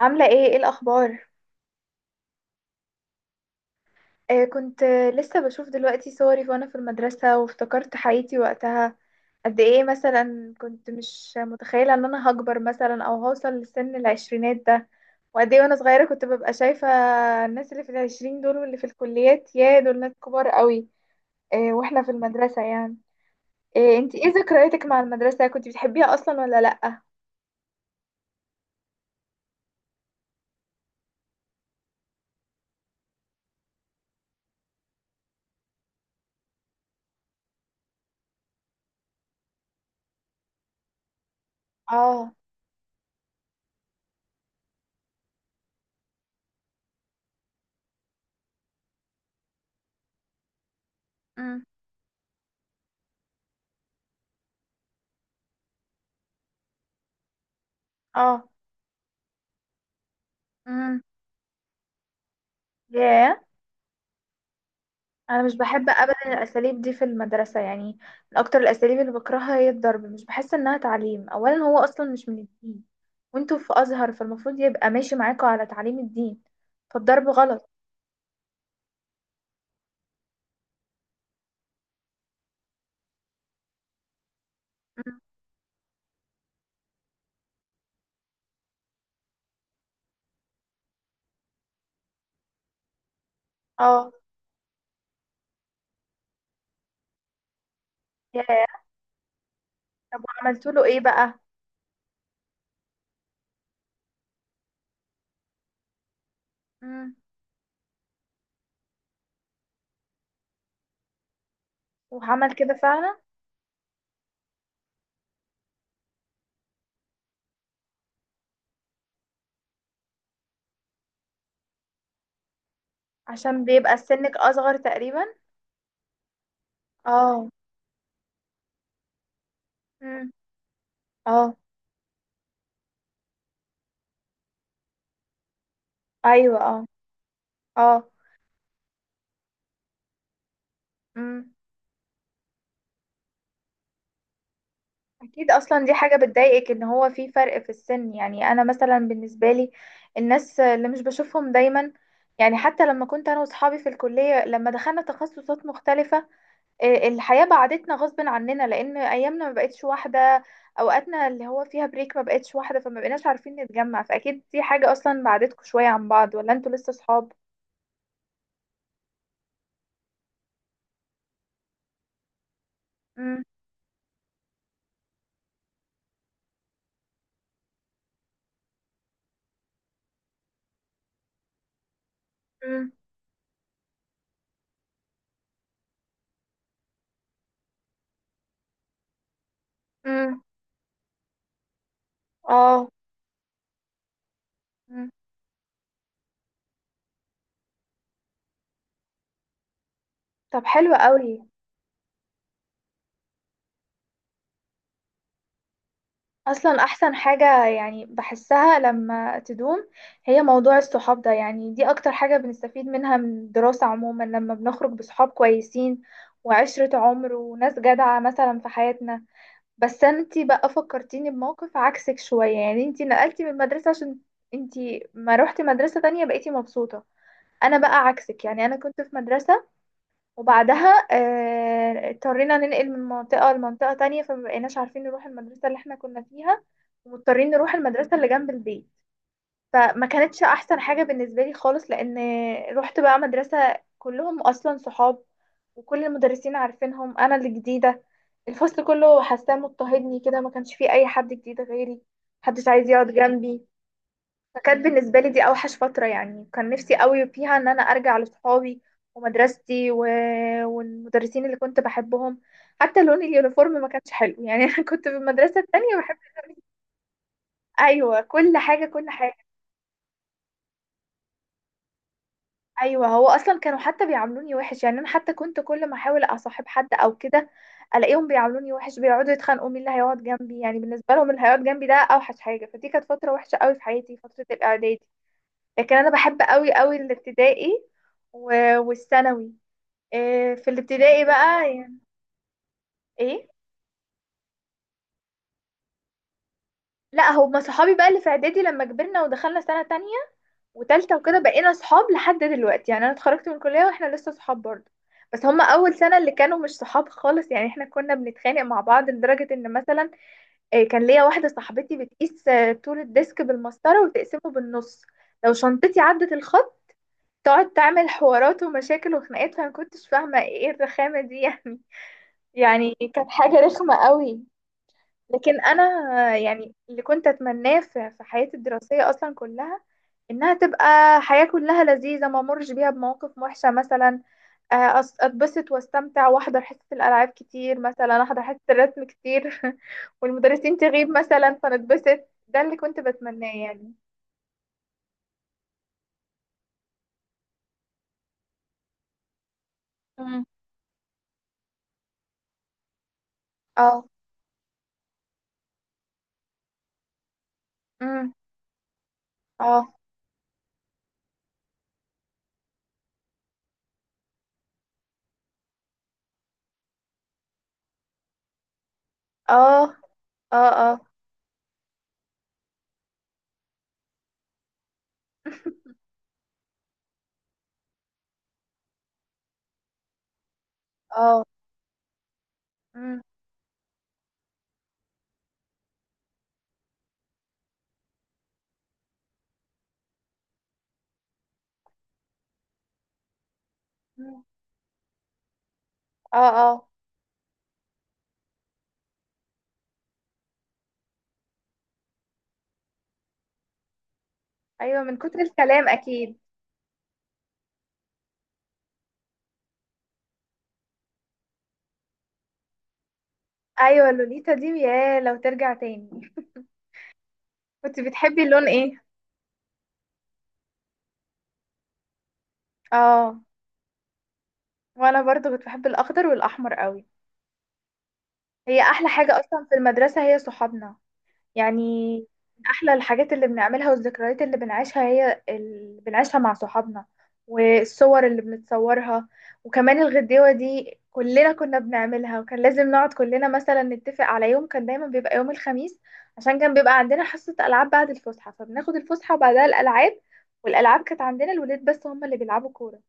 عاملة ايه الأخبار؟ آه، كنت لسه بشوف دلوقتي صوري وانا في المدرسة وافتكرت حياتي وقتها. قد ايه مثلا كنت مش متخيلة ان انا هكبر مثلا او هوصل لسن العشرينات ده، وقد ايه وانا صغيرة كنت ببقى شايفة الناس اللي في العشرين دول، واللي في الكليات يا دول ناس كبار قوي. آه، واحنا في المدرسة يعني. آه، انتي ايه ذكرياتك مع المدرسة؟ كنت بتحبيها اصلا ولا لأ؟ اه. امم. اه. امم. ياه. انا مش بحب ابدا الاساليب دي في المدرسه يعني، من اكتر الاساليب اللي بكرهها هي الضرب، مش بحس انها تعليم، اولا هو اصلا مش من الدين، وانتوا في ازهر فالمفروض يبقى ماشي معاكوا على تعليم الدين، فالضرب غلط. مم. اه. يا. طب وعملتوا له ايه بقى؟ مم. وعمل كده فعلا؟ عشان بيبقى سنك اصغر تقريبا. اه. مم. اه. ايوه. اه. اه. مم. اكيد، اصلا دي حاجه بتضايقك ان هو في فرق في السن، يعني انا مثلا بالنسبه لي، الناس اللي مش بشوفهم دايما، يعني حتى لما كنت انا واصحابي في الكليه لما دخلنا تخصصات مختلفه، آه، الحياه بعدتنا غصب عننا لان ايامنا ما بقتش واحده، اوقاتنا اللي هو فيها بريك ما بقتش واحده فما بقيناش عارفين نتجمع، فاكيد دي حاجه اصلا بعدتكم شويه عن بعض، ولا انتوا لسه صحاب؟ امم. امم. اه. مم. طب حلو قوي. اصلا احسن حاجة يعني بحسها لما تدوم، هي موضوع الصحاب ده، يعني دي اكتر حاجة بنستفيد منها من الدراسة عموما، لما بنخرج بصحاب كويسين وعشرة عمر وناس جدعة مثلا في حياتنا. بس انتي بقى فكرتيني بموقف عكسك شوية، يعني انتي نقلتي من المدرسة عشان انتي ما روحتي مدرسة تانية بقيتي مبسوطة. انا بقى عكسك، يعني انا كنت في مدرسة وبعدها اضطرينا ننقل من منطقة لمنطقة تانية، فمبقيناش عارفين نروح المدرسة اللي احنا كنا فيها، ومضطرين نروح المدرسة اللي جنب البيت. فما كانتش أحسن حاجة بالنسبة لي خالص، لأن رحت بقى مدرسة كلهم أصلا صحاب، وكل المدرسين عارفينهم، أنا اللي جديدة، الفصل كله حاساه مضطهدني كده، ما كانش فيه أي حد جديد غيري، محدش عايز يقعد جنبي. فكانت بالنسبة لي دي أوحش فترة، يعني كان نفسي قوي فيها إن أنا أرجع لصحابي ومدرستي والمدرسين اللي كنت بحبهم. حتى لون اليونيفورم ما كانش حلو يعني، أنا كنت في المدرسة التانية بحب. أيوة، كل حاجة، كل حاجة. أيوة، هو أصلا كانوا حتى بيعاملوني وحش، يعني أنا حتى كنت كل ما أحاول أصاحب حد أو كده ألاقيهم بيعاملوني وحش، بيقعدوا يتخانقوا مين اللي هيقعد جنبي، يعني بالنسبة لهم اللي هيقعد جنبي ده أوحش حاجة، فدي كانت فترة وحشة قوي في حياتي، فترة الإعدادي. لكن انا بحب قوي قوي الابتدائي و- والثانوي. إيه، في الابتدائي بقى يعني. ايه. لا، هما صحابي بقى اللي في اعدادي لما كبرنا ودخلنا سنة تانية وتالتة وكده بقينا صحاب لحد دلوقتي، يعني انا اتخرجت من الكلية واحنا لسه صحاب برضه. بس هما اول سنة اللي كانوا مش صحاب خالص، يعني احنا كنا بنتخانق مع بعض لدرجة ان مثلا، إيه، كان ليا واحدة صاحبتي بتقيس طول الديسك بالمسطرة وتقسمه بالنص، لو شنطتي عدت الخط تقعد تعمل حوارات ومشاكل وخناقات، فانا مكنتش فاهمة ايه الرخامة دي يعني، يعني كانت حاجة رخمة قوي. لكن انا يعني اللي كنت اتمناه في حياتي الدراسية اصلا كلها انها تبقى حياة كلها لذيذة، ما امرش بيها بمواقف وحشة مثلا، اتبسط واستمتع واحضر حصة الالعاب كتير، مثلا احضر حصة الرسم كتير والمدرسين تغيب مثلا فنتبسط، ده اللي كنت بتمناه يعني. مم. اه. مم. اه. اه. اه. اه. اه. مم. مم. اه. اه. ايوه، من كتر الكلام اكيد. ايوه، لوليتا دي يا لو ترجع تاني. كنت بتحبي اللون ايه؟ اه. وانا برضو كنت بحب الاخضر والاحمر قوي. هي احلى حاجه اصلا في المدرسه هي صحابنا يعني، من احلى الحاجات اللي بنعملها والذكريات اللي بنعيشها هي اللي بنعيشها مع صحابنا والصور اللي بنتصورها. وكمان الغديوة دي كلنا كنا بنعملها، وكان لازم نقعد كلنا مثلا نتفق على يوم، كان دايما بيبقى يوم الخميس، عشان كان بيبقى عندنا حصة ألعاب بعد الفسحة، فبناخد الفسحة وبعدها الألعاب. والألعاب كانت عندنا الولاد بس هم اللي بيلعبوا كورة،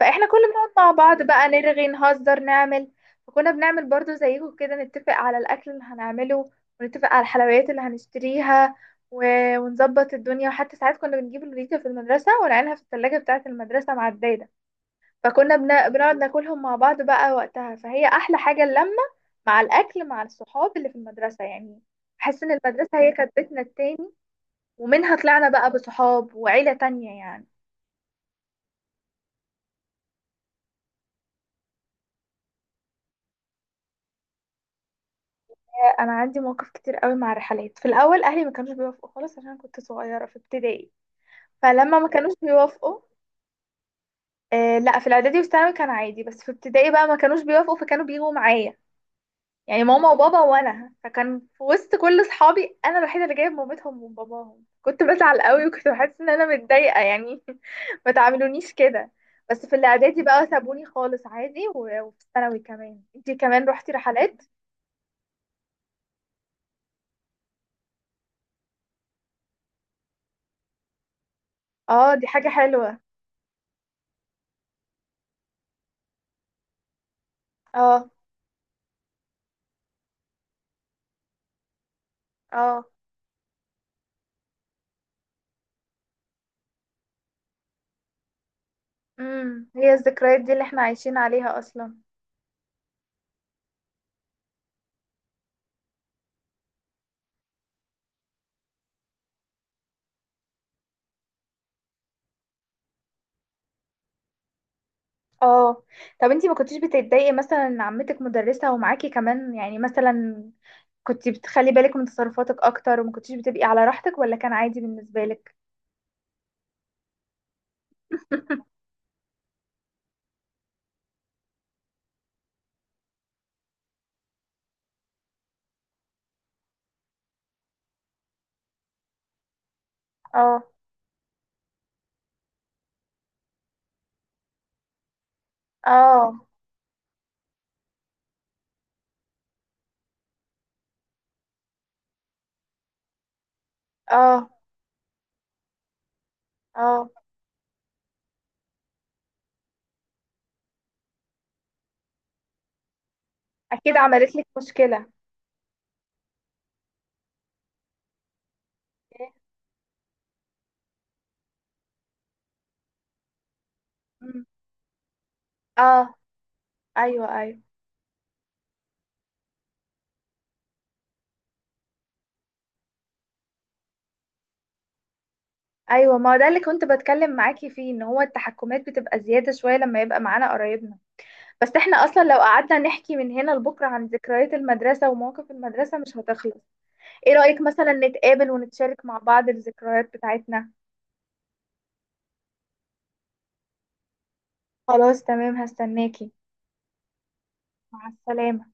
فاحنا كل ما نقعد مع بعض بقى نرغي نهزر نعمل. فكنا بنعمل برضو زيكم كده، نتفق على الاكل اللي هنعمله، ونتفق على الحلويات اللي هنشتريها و... ونظبط الدنيا، وحتى ساعات كنا بنجيب الوليدة في المدرسة ونعينها في الثلاجة بتاعة المدرسة مع الدايدة، فكنا بنقعد ناكلهم مع بعض بقى وقتها، فهي أحلى حاجة اللمة مع الأكل مع الصحاب اللي في المدرسة يعني. بحس إن المدرسة هي كانت بيتنا التاني، ومنها طلعنا بقى بصحاب وعيلة تانية يعني. انا عندي مواقف كتير قوي مع الرحلات، في الاول اهلي ما كانوش بيوافقوا خالص عشان كنت صغيره في ابتدائي، فلما ما كانوش بيوافقوا، آه لا، في الاعدادي والثانوي كان عادي، بس في ابتدائي بقى ما كانوش بيوافقوا فكانوا بيجوا معايا، يعني ماما وبابا وانا، فكان في وسط كل اصحابي انا الوحيده اللي جايب مامتهم وباباهم، كنت بزعل قوي وكنت بحس ان انا متضايقه يعني، ما تعاملونيش كده. بس في الاعدادي بقى سابوني خالص عادي، و- وفي الثانوي كمان، انتي كمان روحتي رحلات؟ اه دي حاجه حلوه. اه. اه. امم، هي الذكريات دي اللي احنا عايشين عليها اصلا. اه. طب انتي ما كنتيش بتتضايقي مثلا ان عمتك مدرسة ومعاكي كمان، يعني مثلا كنتي بتخلي بالك من تصرفاتك اكتر وما كنتيش بتبقي على راحتك، ولا كان عادي بالنسبة لك؟ اه. اه. اه. اه. اكيد عملت لك مشكلة. مم. اه. ايوه، ايوه، ايوه، ما هو ده اللي كنت بتكلم معاكي فيه، ان هو التحكمات بتبقى زيادة شوية لما يبقى معانا قرايبنا. بس احنا اصلا لو قعدنا نحكي من هنا لبكره عن ذكريات المدرسه ومواقف المدرسه مش هتخلص. ايه رايك مثلا نتقابل ونتشارك مع بعض الذكريات بتاعتنا؟ خلاص تمام، هستناكي. مع السلامه.